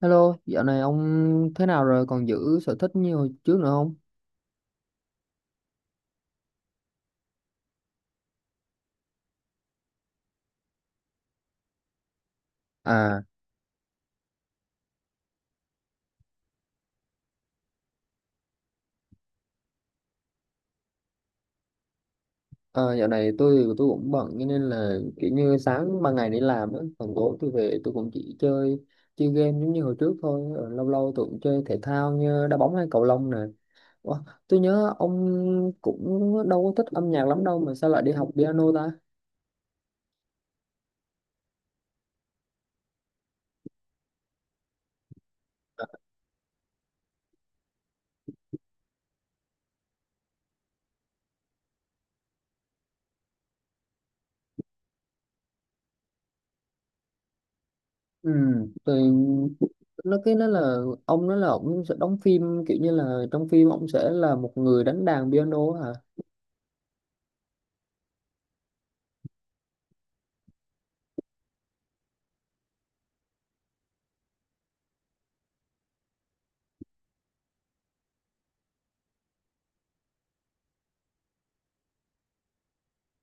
Hello, dạo này ông thế nào rồi? Còn giữ sở thích như hồi trước nữa không? À, ờ, dạo này tôi cũng bận cho nên là kiểu như sáng ban ngày đi làm á, còn tối tôi về tôi cũng chỉ chơi chơi game giống như hồi trước thôi. Ờ, lâu lâu tôi cũng chơi thể thao như đá bóng hay cầu lông nè. Ủa, tôi nhớ ông cũng đâu có thích âm nhạc lắm đâu mà sao lại đi học piano ta? Ừ, thì nó là ông nói là ông sẽ đóng phim kiểu như là trong phim ông sẽ là một người đánh đàn piano hả?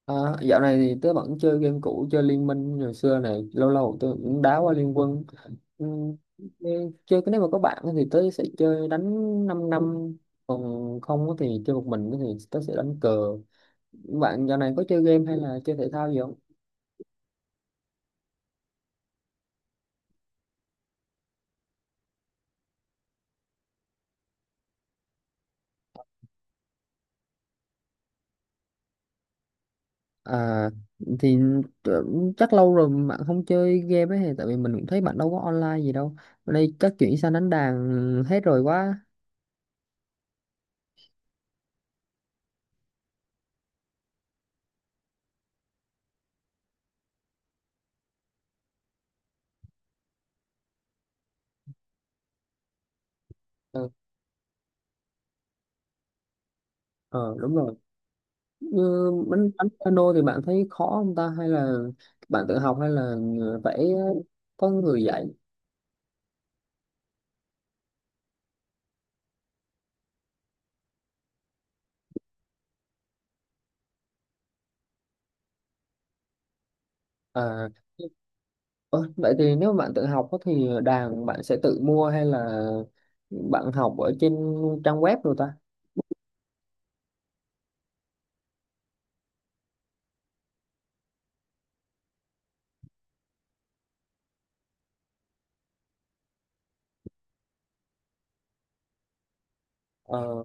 À, dạo này thì tớ vẫn chơi game cũ, chơi Liên Minh hồi xưa này, lâu lâu tớ cũng đá qua Liên Quân. Ừ, nên chơi cái nếu mà có bạn thì tớ sẽ chơi đánh 5 năm, còn không á thì chơi một mình thì tớ sẽ đánh cờ. Bạn dạo này có chơi game hay là chơi thể thao gì không? à thì tớ- Chắc lâu rồi bạn không chơi game ấy, thì tại vì mình cũng thấy bạn đâu có online gì đâu. Ở đây chắc chuyển sang đánh đàn hết rồi quá. Ừ, ờ, đúng rồi. Như bánh bánh piano thì bạn thấy khó không ta, hay là bạn tự học hay là phải có người dạy à? Ơ, vậy thì nếu mà bạn tự học á thì đàn bạn sẽ tự mua hay là bạn học ở trên trang web rồi ta? Ờ,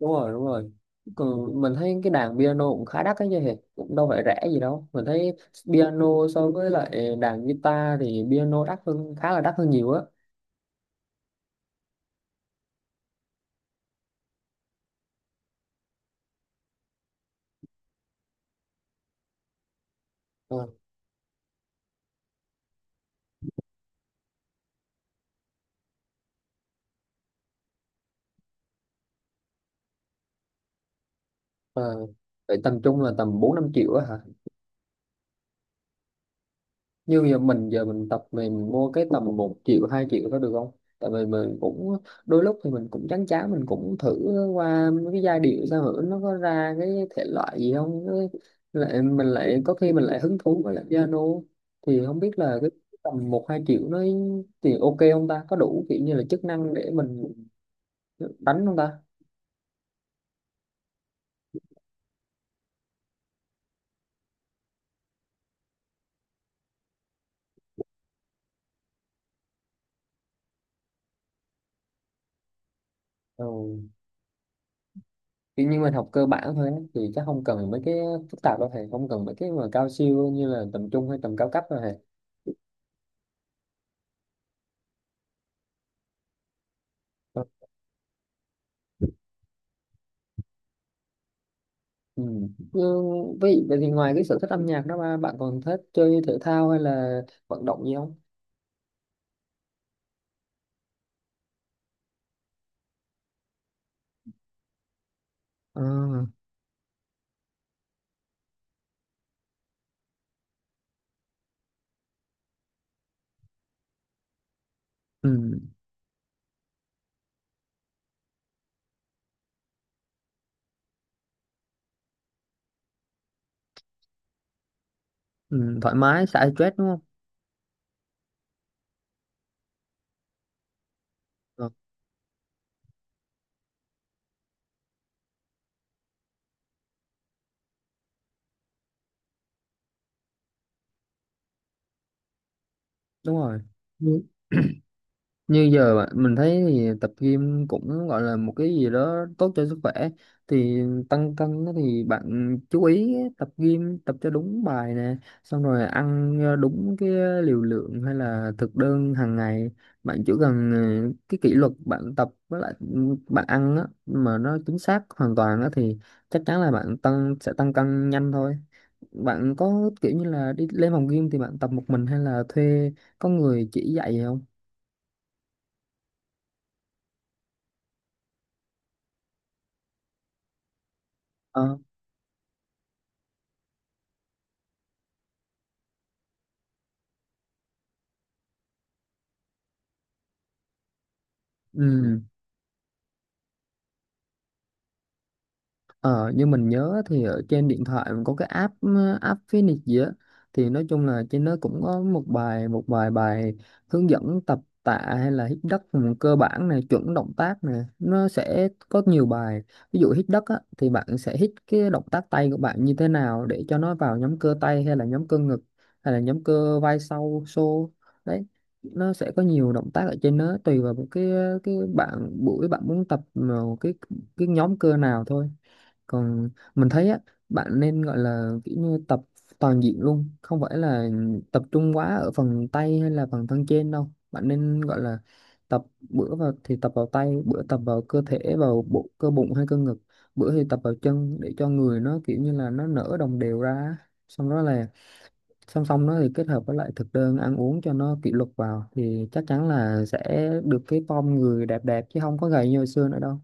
đúng rồi, đúng rồi. Còn mình thấy cái đàn piano cũng khá đắt ấy chứ hề, cũng đâu phải rẻ gì đâu mình thấy. Piano so với lại đàn guitar thì piano đắt hơn, khá là đắt hơn nhiều á. Ờ. Ờ. Vậy tầm trung là tầm bốn năm triệu á hả? Như giờ mình tập, mình mua cái tầm một triệu hai triệu đó được không? Tại vì mình cũng đôi lúc thì mình cũng chán chán, mình cũng thử qua mấy cái giai điệu sao hử nó có ra cái thể loại gì không. Lại mình lại có khi mình lại hứng thú với lại piano, thì không biết là cái tầm một hai triệu nó thì ok không ta, có đủ kiểu như là chức năng để mình đánh không ta. Ừ. Kiểu như mình học cơ bản thôi á, thì chắc không cần mấy cái phức tạp đâu thầy, không cần mấy cái mà cao siêu như là tầm trung hay tầm cao cấp đâu thầy. Ừ. Nhưng vậy vậy thì ngoài cái sở thích âm nhạc đó ba, bạn còn thích chơi thể thao hay là vận động gì không? Ờ. Ừ. Ừ, thoải mái xả stress đúng không? Ờ, đúng rồi. Như mình thấy thì tập gym cũng gọi là một cái gì đó tốt cho sức khỏe, thì tăng cân á thì bạn chú ý tập gym tập cho đúng bài nè, xong rồi ăn đúng cái liều lượng hay là thực đơn hàng ngày. Bạn chỉ cần cái kỷ luật bạn tập với lại ừ, bạn ăn á mà nó chính xác hoàn toàn á thì chắc chắn là bạn sẽ tăng cân nhanh thôi. Bạn có kiểu như là đi lên phòng gym thì bạn tập một mình hay là thuê có người chỉ dạy không? Ờ. Ừ. Ờ, như mình nhớ thì ở trên điện thoại mình có cái app app Phoenix gì á, thì nói chung là trên đó cũng có một vài bài hướng dẫn tập tạ hay là hít đất cơ bản này, chuẩn động tác này, nó sẽ có nhiều bài. Ví dụ hít đất á, thì bạn sẽ hít cái động tác tay của bạn như thế nào để cho nó vào nhóm cơ tay hay là nhóm cơ ngực hay là nhóm cơ vai sau xô đấy. Nó sẽ có nhiều động tác ở trên đó, tùy vào một cái bạn buổi bạn muốn tập một cái nhóm cơ nào thôi. Còn mình thấy á, bạn nên gọi là kiểu như tập toàn diện luôn, không phải là tập trung quá ở phần tay hay là phần thân trên đâu. Bạn nên gọi là tập, bữa vào thì tập vào tay, bữa tập vào cơ thể vào bộ cơ bụng hay cơ ngực, bữa thì tập vào chân, để cho người nó kiểu như là nó nở đồng đều ra. Xong đó là song song nó thì kết hợp với lại thực đơn ăn uống cho nó kỷ luật vào thì chắc chắn là sẽ được cái form người đẹp đẹp chứ không có gầy như hồi xưa nữa đâu.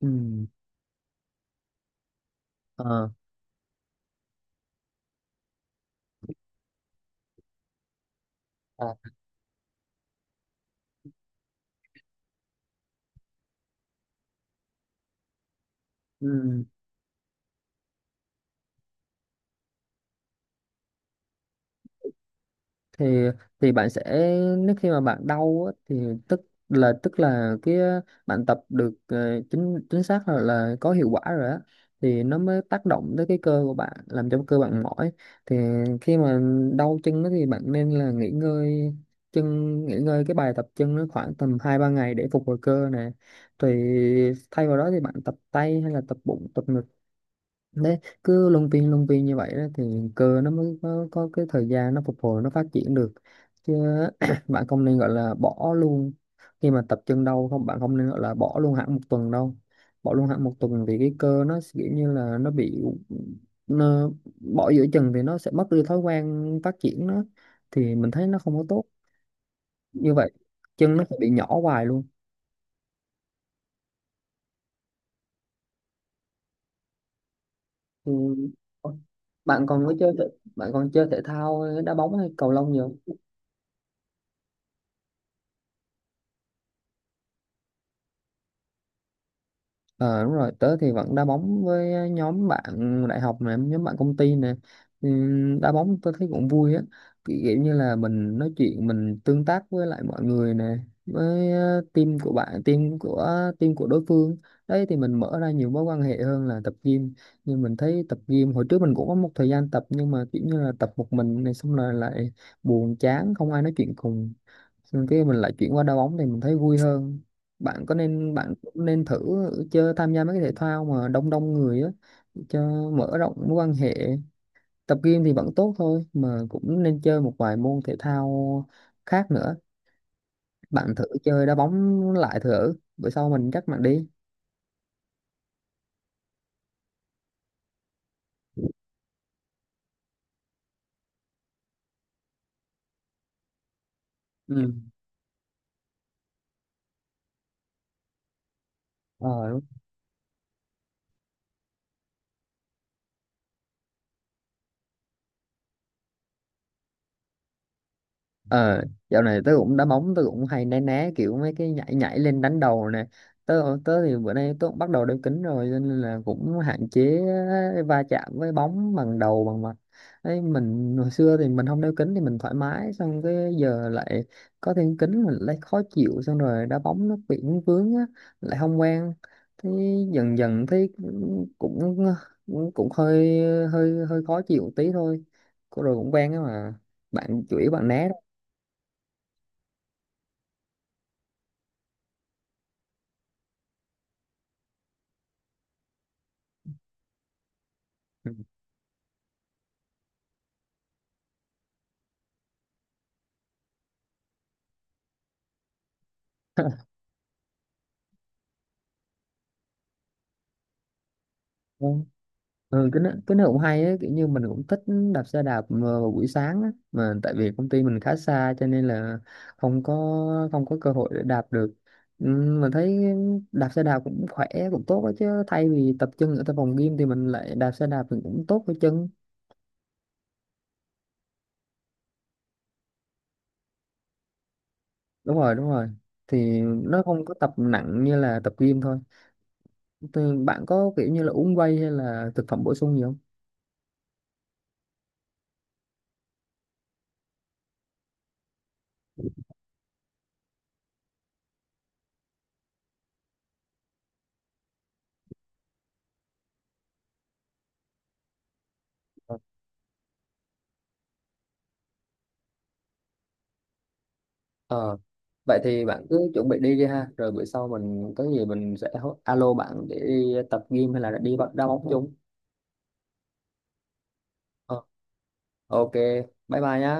Ừ. Ờ. À. Ừ. thì thì bạn sẽ, nếu khi mà bạn đau á, thì tức tức là cái bạn tập được chính chính xác là có hiệu quả rồi á, thì nó mới tác động tới cái cơ của bạn làm cho cơ bạn mỏi. Thì khi mà đau chân đó thì bạn nên là nghỉ ngơi chân, nghỉ ngơi cái bài tập chân nó khoảng tầm hai ba ngày để phục hồi cơ nè. Thì thay vào đó thì bạn tập tay hay là tập bụng tập ngực đấy, cứ luân phiên như vậy đó thì cơ nó mới có cái thời gian nó phục hồi, nó phát triển được chứ. Bạn không nên gọi là bỏ luôn, khi mà tập chân đau không bạn không nên gọi là bỏ luôn hẳn một tuần đâu. Bỏ luôn hẳn một tuần thì cái cơ nó sẽ kiểu như là nó bị nó, bỏ giữa chừng thì nó sẽ mất đi thói quen phát triển nó, thì mình thấy nó không có tốt như vậy. Chân nó sẽ bị nhỏ hoài luôn. Ừ. bạn còn có chơi thể- Bạn còn chơi thể thao đá bóng hay cầu lông nhiều? Ờ đúng rồi, tớ thì vẫn đá bóng với nhóm bạn đại học nè, nhóm bạn công ty nè. Ừ, đá bóng tớ thấy cũng vui á. Kiểu kiểu như là mình nói chuyện, mình tương tác với lại mọi người nè, với team của bạn, team của đối phương. Đấy thì mình mở ra nhiều mối quan hệ hơn là tập gym. Nhưng mình thấy tập gym hồi trước mình cũng có một thời gian tập, nhưng mà kiểu như là tập một mình này xong rồi lại buồn chán, không ai nói chuyện cùng, xong cái mình lại chuyển qua đá bóng thì mình thấy vui hơn. Bạn cũng nên thử chơi, tham gia mấy cái thể thao mà đông đông người á cho mở rộng mối quan hệ. Tập gym thì vẫn tốt thôi mà cũng nên chơi một vài môn thể thao khác nữa. Bạn thử chơi đá bóng lại thử, bữa sau mình dắt bạn đi. Ừ. Ờ, ờ, dạo này tớ cũng đá bóng, tớ cũng hay né né kiểu mấy cái nhảy nhảy lên đánh đầu nè. Tớ tớ thì bữa nay tớ cũng bắt đầu đeo kính rồi cho nên là cũng hạn chế va chạm với bóng bằng đầu bằng mặt ấy. Mình hồi xưa thì mình không đeo kính thì mình thoải mái, xong cái giờ lại có thêm kính mình lại khó chịu, xong rồi đá bóng nó bị vướng á, lại không quen. Thế dần dần thấy cũng cũng cũng hơi hơi hơi khó chịu tí thôi. Cô rồi cũng quen á mà, bạn chửi bạn né. Vâng. Ừ, cái nó cũng hay ấy, kiểu như mình cũng thích đạp xe đạp mà vào buổi sáng á, mà tại vì công ty mình khá xa cho nên là không có không có cơ hội để đạp được. Ừ, mình thấy đạp xe đạp cũng khỏe cũng tốt ấy, chứ thay vì tập chân ở tại phòng gym thì mình lại đạp xe đạp thì cũng tốt cho chân. Đúng rồi, đúng rồi, thì nó không có tập nặng như là tập gym thôi. Thì bạn có kiểu như là uống whey hay là thực phẩm bổ sung gì không? Ờ, vậy thì bạn cứ chuẩn bị đi đi ha, rồi bữa sau mình có gì mình sẽ alo bạn để đi tập gym hay là đi bắt đá bóng chung. Ờ, ok, bye bye nhá.